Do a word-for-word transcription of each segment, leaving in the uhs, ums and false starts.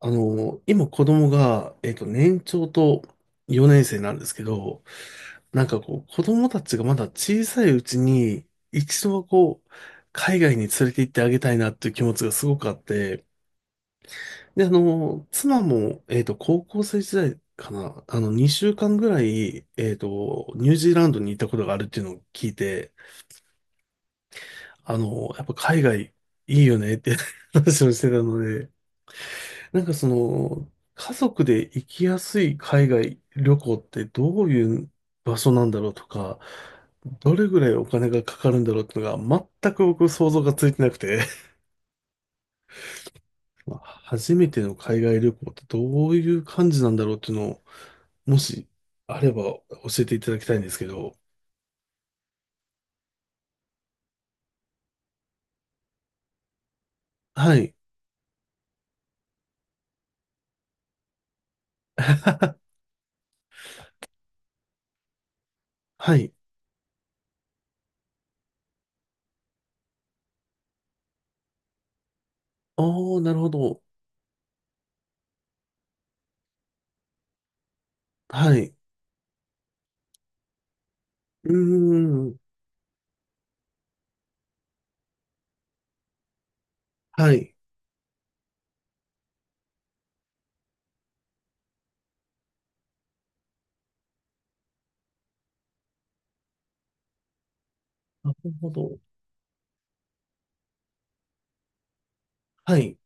あの、今子供が、えっと、年長とよねん生なんですけど、なんかこう、子供たちがまだ小さいうちに、一度はこう、海外に連れて行ってあげたいなっていう気持ちがすごくあって、で、あの、妻も、えっと、高校生時代かな、あの、にしゅうかんぐらい、えっと、ニュージーランドに行ったことがあるっていうのを聞いて、あの、やっぱ海外いいよねって 話をしてたので、なんかその、家族で行きやすい海外旅行ってどういう場所なんだろうとか、どれぐらいお金がかかるんだろうっていうのが全く僕想像がついてなくて、まあ初めての海外旅行ってどういう感じなんだろうっていうのを、もしあれば教えていただきたいんですけど。はい。はい。あー、なるほど。はい。うーん。はい。なるほど。はい。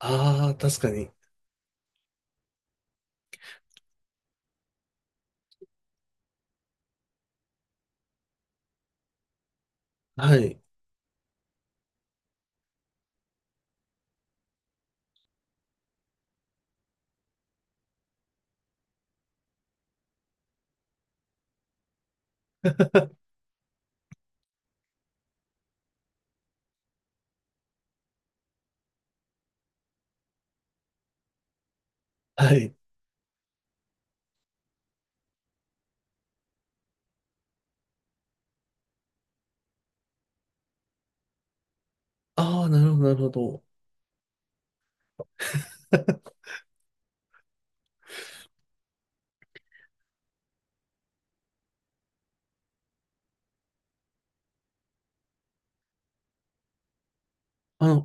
あー、確かに。はい。はい。ああ、なるほど、なるほど。あの、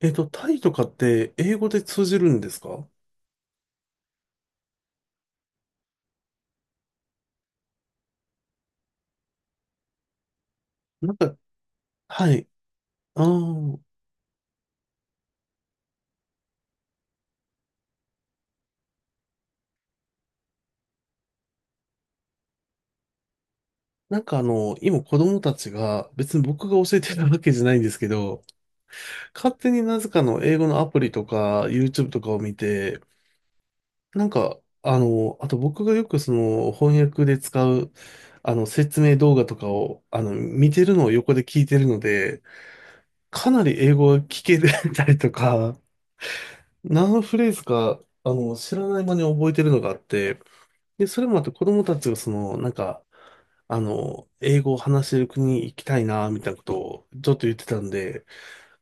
えっと、タイとかって英語で通じるんですか？なんか、はい。ああ、なんかあの、今子供たちが、別に僕が教えてるわけじゃないんですけど、勝手になぜかの英語のアプリとか、YouTube とかを見て、なんか、あの、あと僕がよくその翻訳で使う、あの、説明動画とかを、あの、見てるのを横で聞いてるので、かなり英語が聞け たりとか、何フレーズか、あの、知らない間に覚えてるのがあって、で、それもあって子供たちがその、なんか、あの、英語を話せる国に行きたいな、みたいなことをちょっと言ってたんで、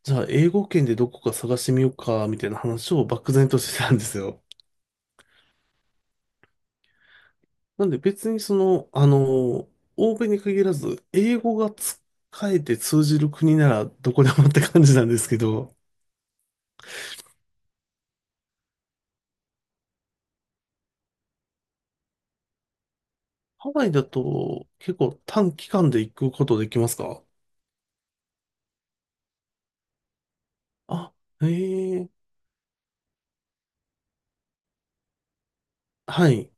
じゃあ英語圏でどこか探してみようか、みたいな話を漠然としてたんですよ。なんで別にその、あの、欧米に限らず、英語が使えて通じる国ならどこでもって感じなんですけど、ハワイだと結構短期間で行くことできますか？あ、へえ。はい。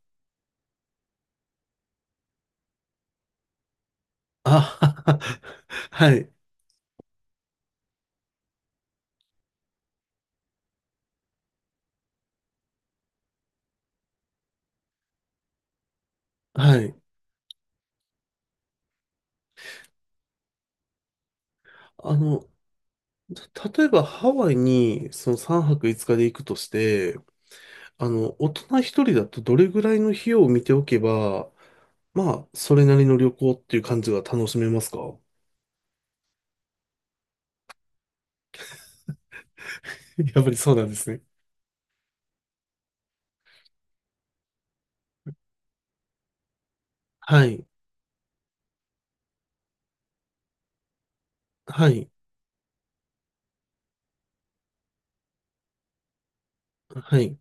あ、はい。はい。あの、た例えばハワイにそのさんぱくいつかで行くとして、あの、大人一人だとどれぐらいの費用を見ておけば、まあ、それなりの旅行っていう感じが楽しめますか？ やっぱりそうなんですね。はい。はい。はい。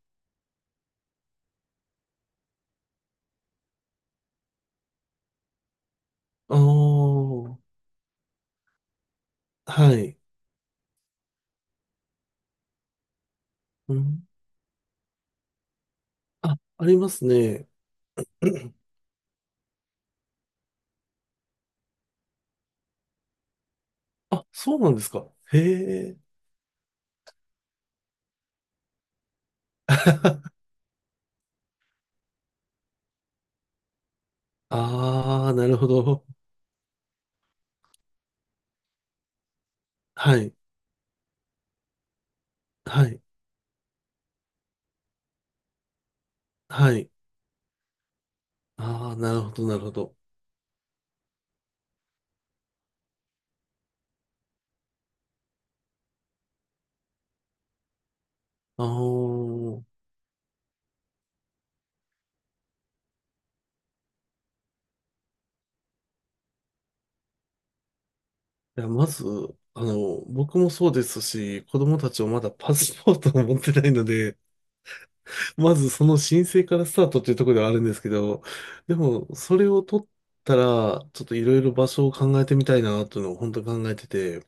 ああ、はい。うん。あ、ありますね。あ、そうなんですか。へえ。ああ、なるほど。はい。はい。はい。ああ、なるほど、なるほど。あのいや、まず、あの、僕もそうですし、子供たちもまだパスポートを持ってないので、まずその申請からスタートっていうところではあるんですけど、でも、それを取ったら、ちょっといろいろ場所を考えてみたいな、というのを本当に考えてて、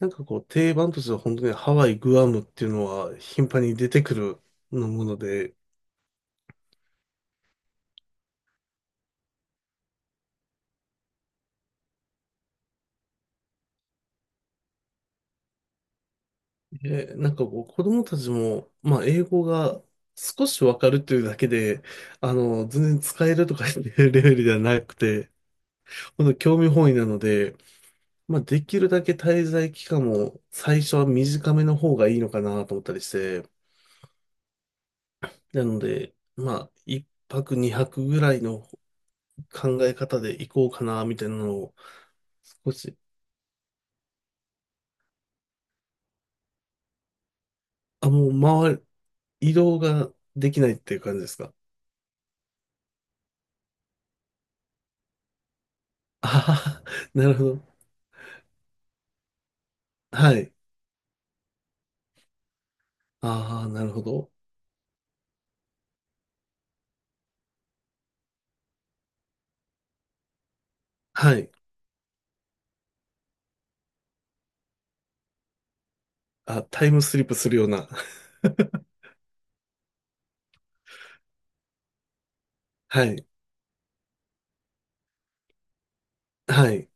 なんかこう、定番としては本当にハワイ、グアムっていうのは頻繁に出てくるもので、えなんかこう、子供たちも、まあ、英語が少しわかるというだけで、あの、全然使えるとかっていう レベルではなくて、ほんと興味本位なので、まあ、できるだけ滞在期間も最初は短めの方がいいのかなと思ったりして、なので、まあ、いっぱくにはくぐらいの考え方で行こうかな、みたいなのを、少し、あ、もう回る、移動ができないっていう感じですか。あはは、なるほど。はい。ああ、なるほど。はい。あ、タイムスリップするような。はい。はい。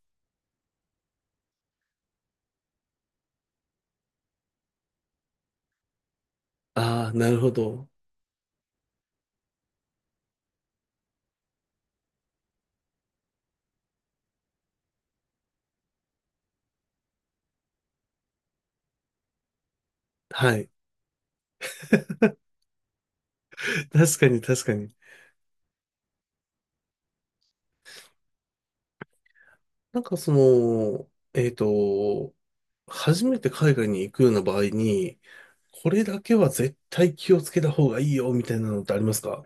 ああ、なるほど。はい。確かに確かに。なんかその、えっと、初めて海外に行くような場合に、これだけは絶対気をつけた方がいいよ、みたいなのってありますか？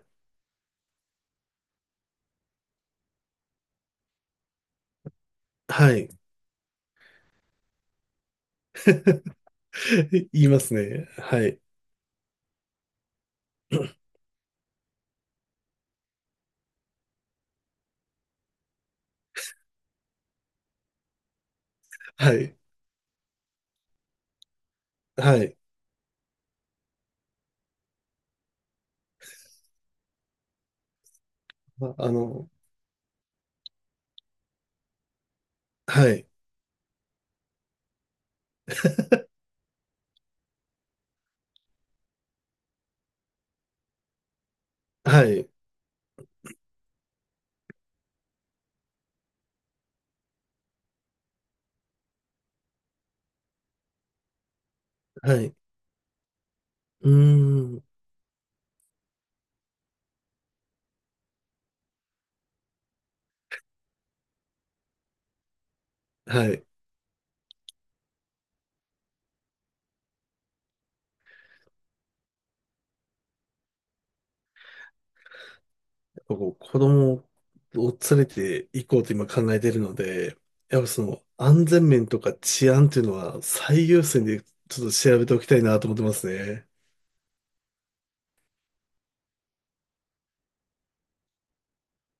はい。言いますね。はい。はい。はい。あ、あの、はい。はい。はい。うーん。はい。こう子供を連れて行こうと今考えてるので、やっぱその安全面とか治安っていうのは最優先でちょっと調べておきたいなと思ってますね。